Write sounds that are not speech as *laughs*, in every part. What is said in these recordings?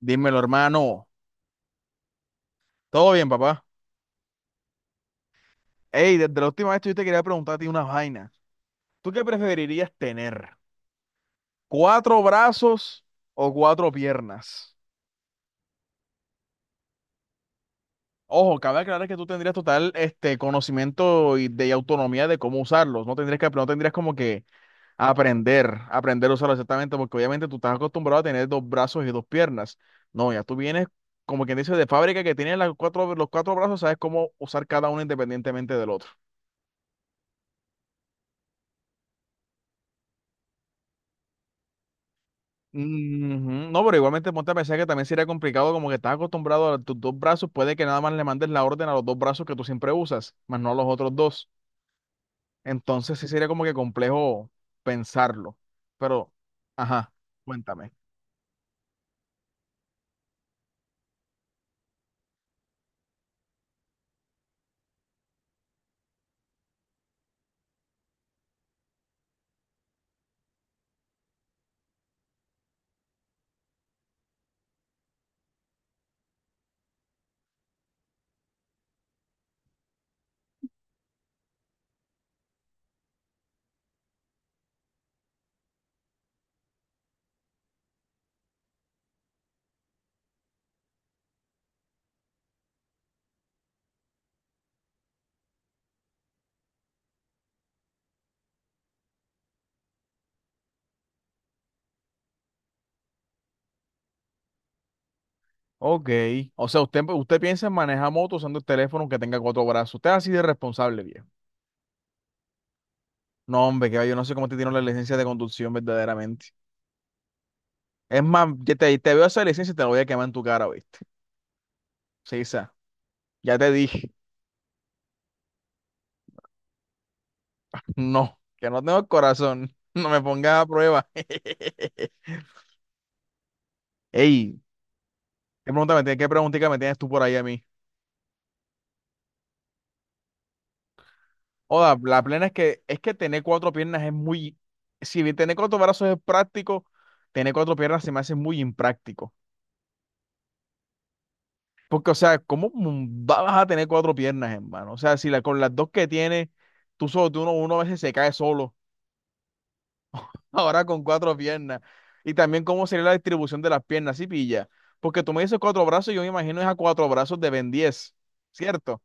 Dímelo, hermano. ¿Todo bien, papá? Ey, desde la última vez que yo te quería preguntar a ti una vaina. ¿Tú qué preferirías tener? ¿Cuatro brazos o cuatro piernas? Ojo, cabe aclarar que tú tendrías total conocimiento y autonomía de cómo usarlos. No tendrías como que aprender a usarlos exactamente, porque obviamente tú estás acostumbrado a tener dos brazos y dos piernas. No, ya tú vienes, como quien dice, de fábrica que tienes los cuatro brazos, sabes cómo usar cada uno independientemente del otro. Ujú. No, pero igualmente ponte a pensar que también sería complicado como que estás acostumbrado a tus dos brazos, puede que nada más le mandes la orden a los dos brazos que tú siempre usas, más no a los otros dos. Entonces sí sería como que complejo pensarlo. Pero, ajá, cuéntame. Ok, o sea, usted piensa en manejar moto usando el teléfono que tenga cuatro brazos. Usted es así de responsable, viejo. No, hombre, que va, yo no sé cómo te tiene la licencia de conducción verdaderamente. Es más, te veo esa licencia y te la voy a quemar en tu cara, ¿viste? Sí, esa. Ya te dije. No, que no tengo corazón. *laughs* No me pongas a prueba. *laughs* Ey, ¿qué pregunta me tienes, qué preguntita me tienes tú por ahí a mí? Oda, la plena es que tener cuatro piernas es muy, si bien tener cuatro brazos es práctico, tener cuatro piernas se me hace muy impráctico. Porque, o sea, ¿cómo vas a tener cuatro piernas, hermano? O sea, si la, con las dos que tienes, tú solo, tú uno, uno a veces se cae solo. Ahora con cuatro piernas. Y también cómo sería la distribución de las piernas, ¿sí pilla? Porque tú me dices cuatro brazos, yo me imagino es a cuatro brazos de Ben 10, ¿cierto?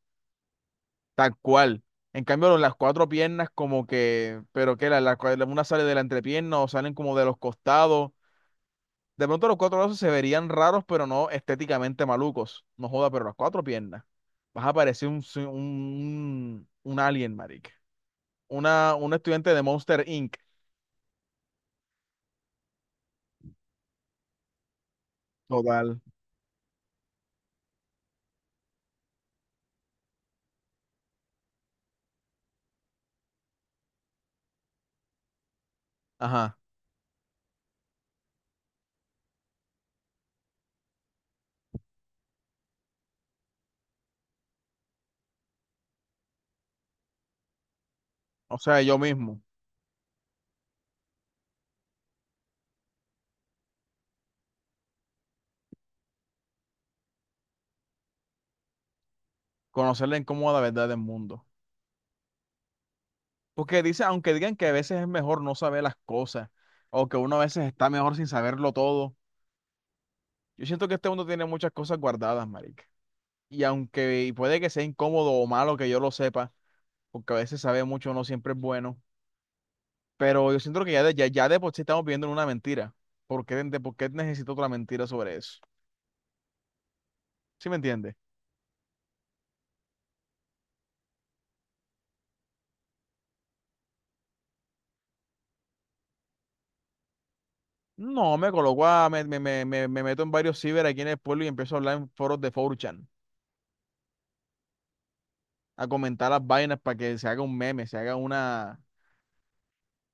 Tal cual. En cambio, las cuatro piernas como que, una sale de la entrepierna o salen como de los costados. De pronto los cuatro brazos se verían raros, pero no estéticamente malucos. No joda, pero las cuatro piernas. Vas a parecer un alien, marica. Un estudiante de Monster Inc. Total. Ajá. O sea, yo mismo. Conocer la incómoda verdad del mundo. Porque dice, aunque digan que a veces es mejor no saber las cosas, o que uno a veces está mejor sin saberlo todo, yo siento que este mundo tiene muchas cosas guardadas, marica. Y aunque puede que sea incómodo o malo que yo lo sepa, porque a veces saber mucho no siempre es bueno, pero yo siento que ya de por sí estamos viviendo en una mentira. ¿De por qué necesito otra mentira sobre eso? ¿Sí me entiendes? No, me coloco a, me, me, me, me me meto en varios ciber aquí en el pueblo y empiezo a hablar en foros de 4chan, a comentar las vainas para que se haga un meme, se haga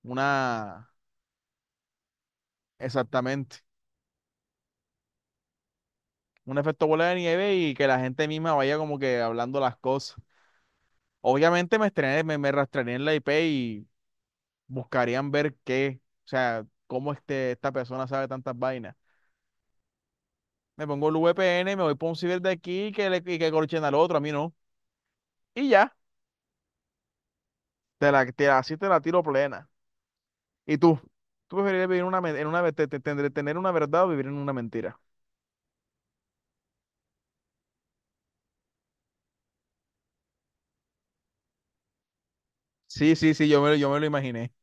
una, exactamente, un efecto bola de nieve y que la gente misma vaya como que hablando las cosas. Obviamente me rastrearía en la IP y buscarían ver qué, o sea, cómo esta persona sabe tantas vainas. Me pongo el VPN, me voy por un ciber de aquí y que corchen al otro, a mí no. Y ya, así te la tiro plena. ¿Y tú? ¿Tú preferirías vivir en una, men- en una, te- te- tener una verdad o vivir en una mentira? Sí, sí, sí, yo me lo imaginé.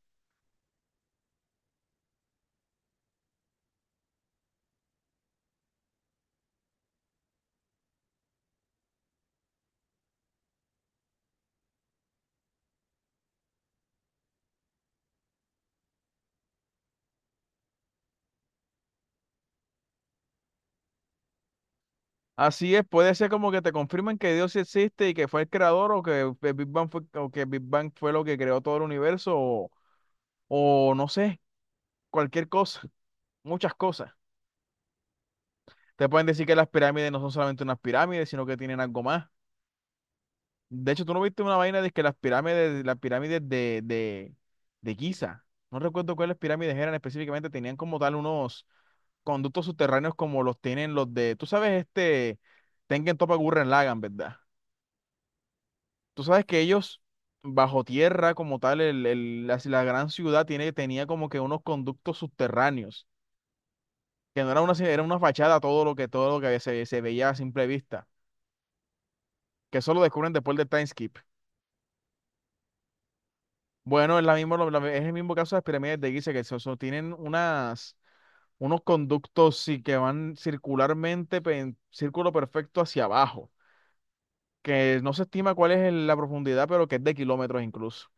Así es, puede ser como que te confirmen que Dios sí existe y que fue el creador o que el Big Bang fue lo que creó todo el universo, o no sé, cualquier cosa, muchas cosas. Te pueden decir que las pirámides no son solamente unas pirámides, sino que tienen algo más. De hecho, tú no viste una vaina de que las pirámides de Giza, no recuerdo cuáles pirámides eran específicamente, tenían como tal unos conductos subterráneos como los tienen los de, tú sabes, Tengen Toppa Gurren Lagann, ¿verdad? Tú sabes que ellos, bajo tierra como tal, la gran ciudad tenía como que unos conductos subterráneos, que no era una, era una fachada todo lo que se veía a simple vista, que eso lo descubren después del time skip. Bueno, es, la misma, lo- la- es el mismo caso de las pirámides de Giza, que tienen unos conductos sí, que van circularmente, en círculo perfecto hacia abajo, que no se estima cuál es la profundidad, pero que es de kilómetros incluso.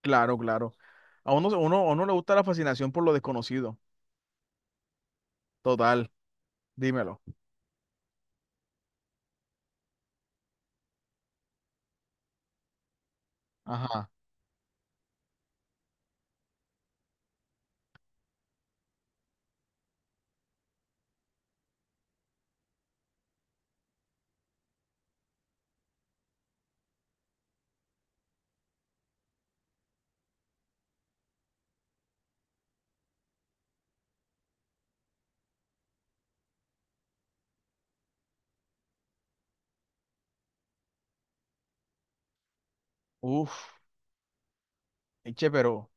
Claro, claro. A uno le gusta la fascinación por lo desconocido. Total, dímelo. Ajá. Uf, eche, pero,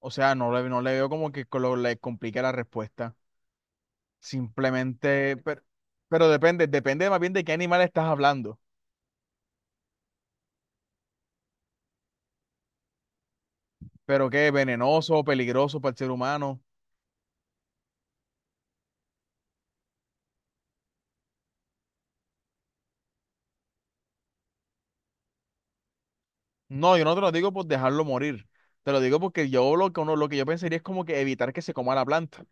o sea, no le veo como que le complique la respuesta. Simplemente, pero depende, depende más bien de qué animal estás hablando. Pero qué, venenoso, peligroso para el ser humano. No, yo no te lo digo por dejarlo morir. Te lo digo porque yo lo que uno, lo que yo pensaría es como que evitar que se coma la planta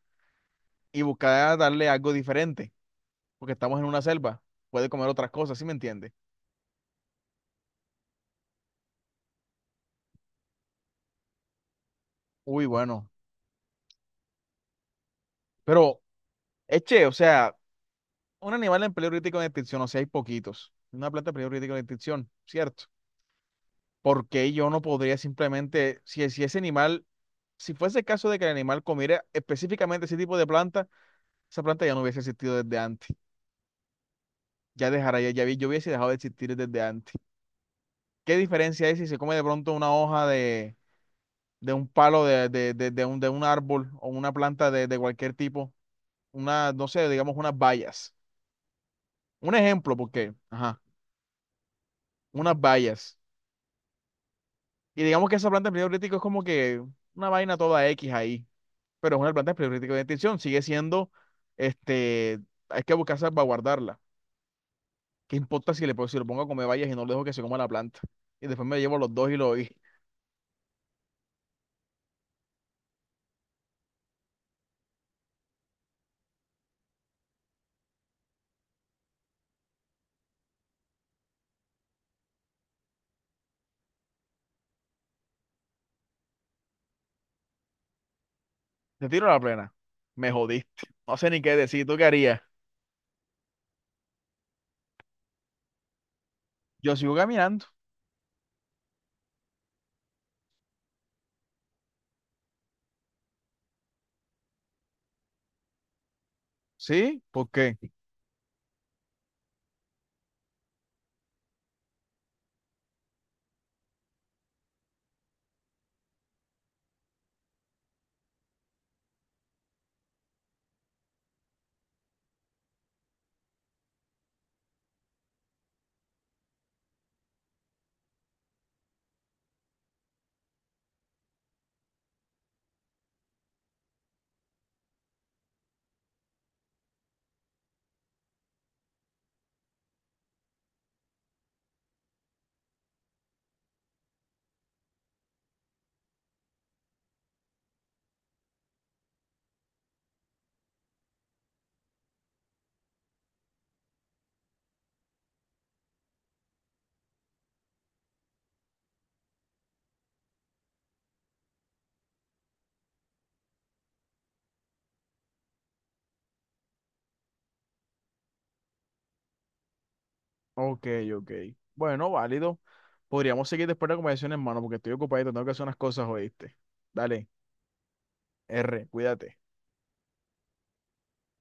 y buscar darle algo diferente, porque estamos en una selva. Puede comer otras cosas, ¿sí me entiendes? Uy, bueno. Pero, eche, o sea, un animal en peligro crítico de extinción, o sea, hay poquitos. Una planta en peligro crítico de extinción, ¿cierto? Porque yo no podría simplemente, si ese animal, si fuese el caso de que el animal comiera específicamente ese tipo de planta, esa planta ya no hubiese existido desde antes. Ya dejara, ya, ya vi- yo hubiese dejado de existir desde antes. ¿Qué diferencia hay si se come de pronto una hoja de un palo de de un árbol o una planta de cualquier tipo? Una, no sé, digamos unas bayas. Un ejemplo, porque, ajá. Unas vallas. Y digamos que esa planta de empleo crítico es como que una vaina toda X ahí, pero es una planta de empleo crítico de extinción, sigue siendo, este, hay que buscar salvaguardarla. ¿Qué importa si si lo pongo a comer vallas y no lo dejo que se coma la planta? Y después me llevo los dos y lo y te tiro a la plena. Me jodiste. No sé ni qué decir, ¿tú qué harías? Yo sigo caminando. ¿Sí? ¿Por qué? Ok, ok. Bueno, válido. Podríamos seguir después de la conversación, hermano, porque estoy ocupado y tengo que hacer unas cosas, ¿oíste? Dale, R, cuídate.